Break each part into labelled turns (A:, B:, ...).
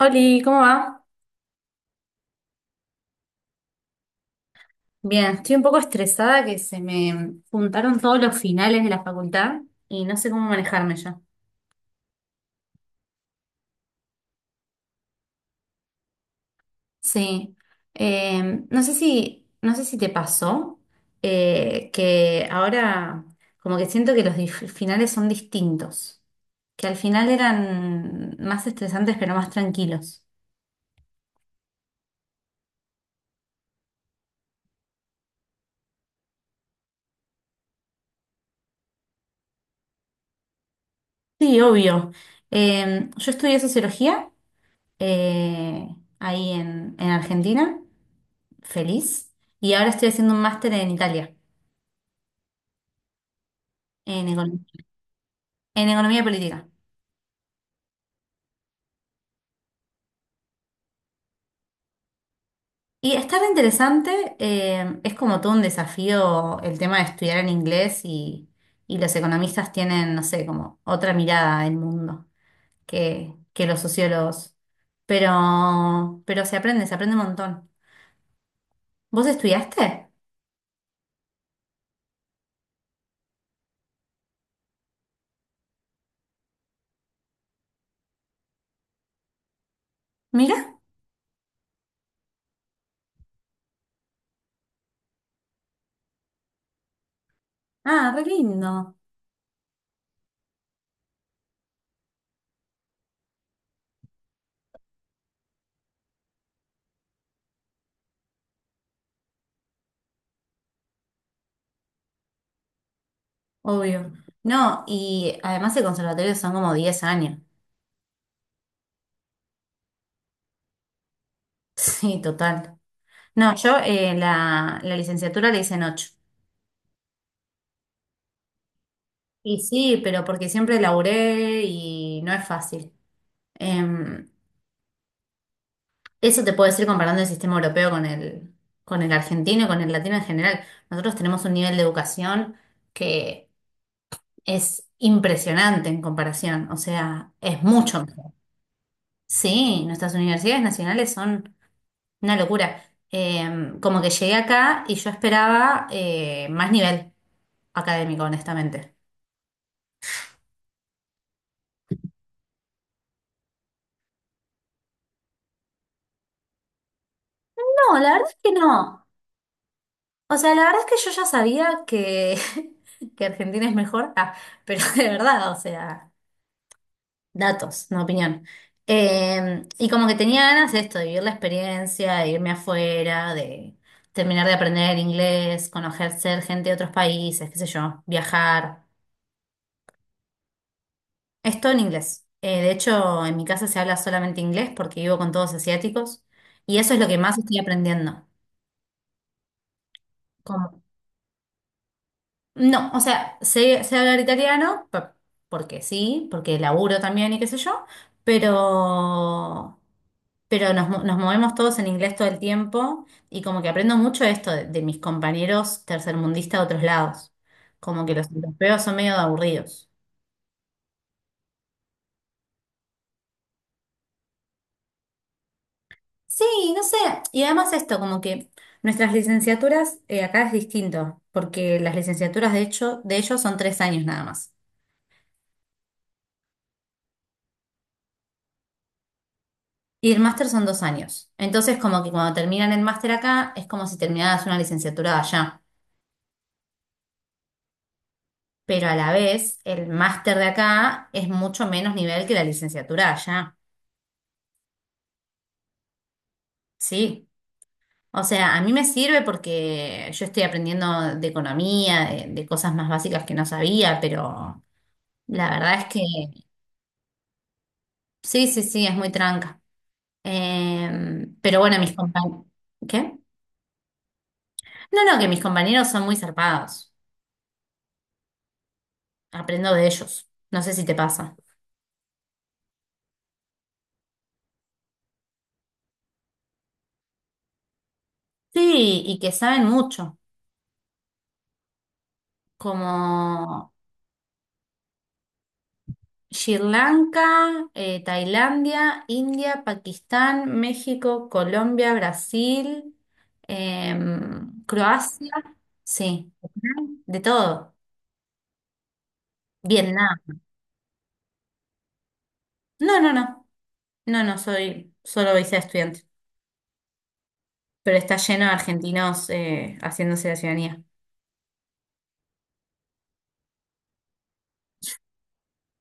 A: Oli, ¿cómo va? Bien, estoy un poco estresada que se me juntaron todos los finales de la facultad y no sé cómo manejarme ya. Sí, no sé si te pasó que ahora como que siento que los finales son distintos, que al final eran más estresantes pero más tranquilos. Sí, obvio. Yo estudié sociología eh, ahí en Argentina. Feliz. Y ahora estoy haciendo un máster en Italia, en economía, en economía política. Y está re interesante, es como todo un desafío el tema de estudiar en inglés y los economistas tienen, no sé, como otra mirada del mundo que los sociólogos. Pero se aprende un montón. ¿Vos estudiaste? Mira. Ah, re lindo, obvio. No, y además el conservatorio son como 10 años. Sí, total. No, yo la licenciatura le hice en ocho. Y sí, pero porque siempre laburé y no es fácil. Em, eso te puedo decir comparando el sistema europeo con el, argentino y con el latino en general. Nosotros tenemos un nivel de educación que es impresionante en comparación. O sea, es mucho mejor. Sí, nuestras universidades nacionales son una locura. Como que llegué acá y yo esperaba más nivel académico, honestamente. No, la verdad es que no. O sea, la verdad es que yo ya sabía que, que Argentina es mejor, ah, pero de verdad, o sea, datos, no opinión. Y como que tenía ganas de esto, de vivir la experiencia, de irme afuera, de terminar de aprender inglés, conocer gente de otros países, qué sé yo, viajar. Es todo en inglés. De hecho, en mi casa se habla solamente inglés porque vivo con todos asiáticos y eso es lo que más estoy aprendiendo. No, o sea, sé hablar italiano, porque sí, porque laburo también y qué sé yo, pero, pero nos movemos todos en inglés todo el tiempo y como que aprendo mucho esto de, mis compañeros tercermundistas de otros lados, como que los europeos son medio aburridos. Sí, no sé, y además esto, como que nuestras licenciaturas acá es distinto, porque las licenciaturas de hecho de ellos son 3 años nada más. Y el máster son 2 años. Entonces, como que cuando terminan el máster acá, es como si terminaras una licenciatura allá. Pero a la vez, el máster de acá es mucho menos nivel que la licenciatura allá. Sí. O sea, a mí me sirve porque yo estoy aprendiendo de economía, de, cosas más básicas que no sabía, pero la verdad es que sí, sí, sí, es muy tranca. Pero bueno, mis compañeros. ¿Qué? No, no, que mis compañeros son muy zarpados. Aprendo de ellos. No sé si te pasa. Sí, y que saben mucho, como Sri Lanka, Tailandia, India, Pakistán, México, Colombia, Brasil, Croacia, sí, de todo. Vietnam. No, no, no, no, no, soy solo visa estudiante, pero está lleno de argentinos haciéndose la ciudadanía.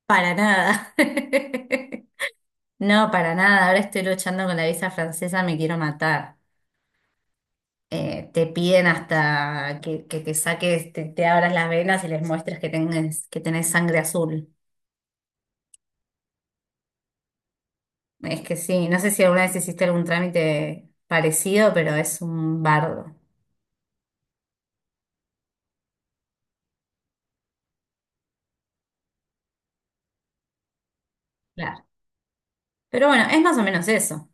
A: Para nada. No, para nada, ahora estoy luchando con la visa francesa, me quiero matar. Te piden hasta que te saques, te abras las venas y les muestres que tenés sangre azul. Es que sí, no sé si alguna vez hiciste algún trámite parecido, pero es un bardo. Claro. Pero bueno, es más o menos eso.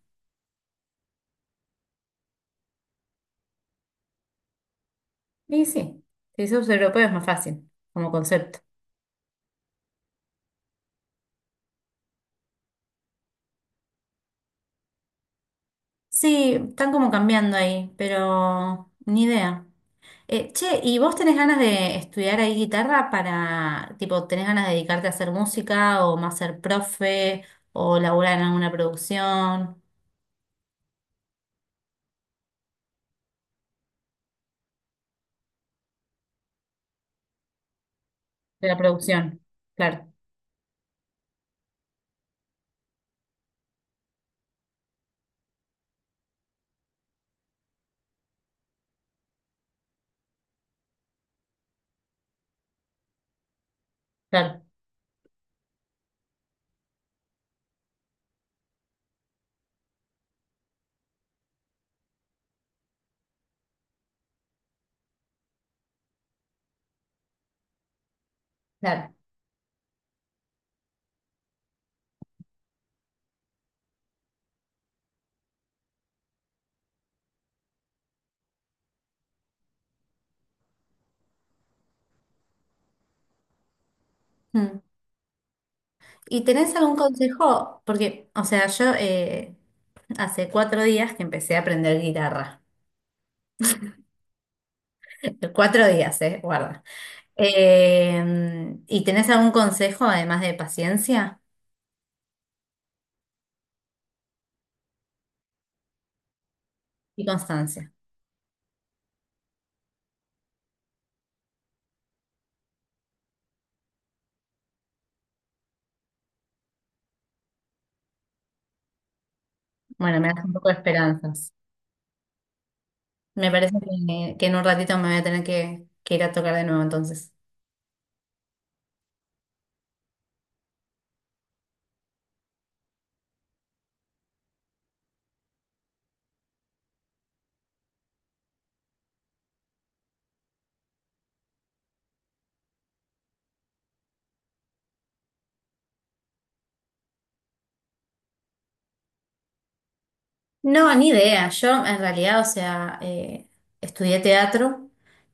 A: Y sí, si sos europeo es más fácil como concepto. Sí, están como cambiando ahí, pero ni idea. Che, ¿y vos tenés ganas de estudiar ahí guitarra para, tipo, tenés ganas de dedicarte a hacer música o más ser profe o laburar en alguna producción? De la producción, claro, claro, claro. Mm. ¿Y tenés algún consejo? Porque, o sea, yo hace 4 días que empecé a aprender guitarra. 4 días, guarda. ¿Y tenés algún consejo además de paciencia y constancia? Bueno, me das un poco de esperanzas. Me parece que en un ratito me voy a tener que ir a tocar de nuevo entonces. No, ni idea. Yo en realidad, o sea, estudié teatro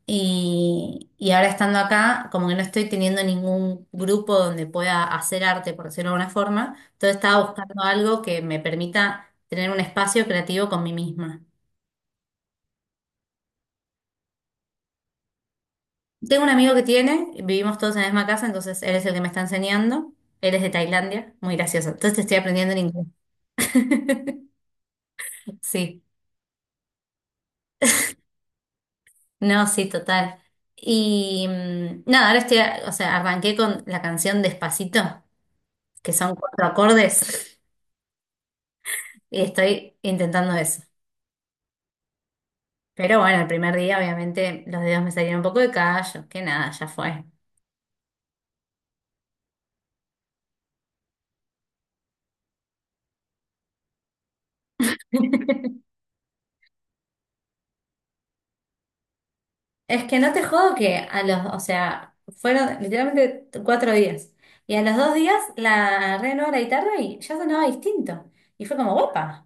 A: y ahora estando acá, como que no estoy teniendo ningún grupo donde pueda hacer arte, por decirlo de alguna forma. Entonces estaba buscando algo que me permita tener un espacio creativo con mí misma. Tengo un amigo que tiene, vivimos todos en la misma casa, entonces él es el que me está enseñando. Él es de Tailandia, muy gracioso. Entonces estoy aprendiendo en inglés. Sí. No, sí, total. Y nada, ahora estoy, o sea, arranqué con la canción Despacito, que son cuatro acordes, y estoy intentando eso. Pero bueno, el primer día obviamente los dedos me salieron un poco de callo, que nada, ya fue. Es que no te jodo que a los, o sea, fueron literalmente 4 días. Y a los 2 días la agarré de nuevo la guitarra y ya sonaba distinto. Y fue como, guapa.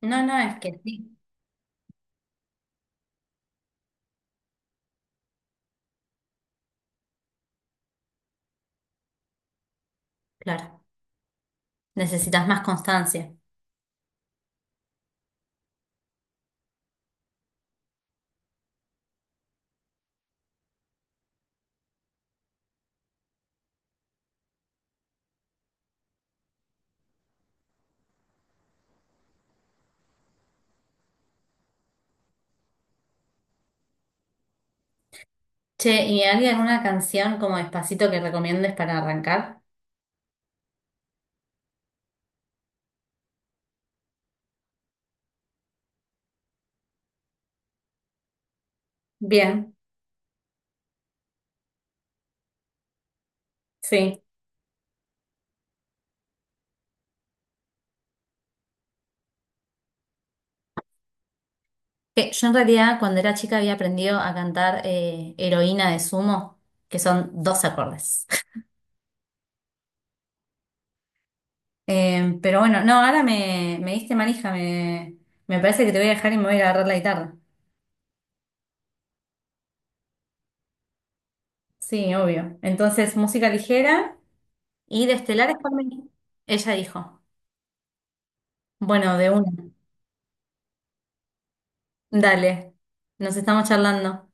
A: No, no, es que sí, claro, necesitas más constancia. Che, ¿y hay alguna canción como Despacito que recomiendes para arrancar? Bien, sí. Que yo en realidad cuando era chica había aprendido a cantar Heroína de Sumo, que son dos acordes. Pero bueno, no, ahora me, diste manija, me parece que te voy a dejar y me voy a agarrar la guitarra. Sí, obvio. Entonces, música ligera y de Estelares por mí. Ella dijo. Bueno, de una. Dale, nos estamos charlando.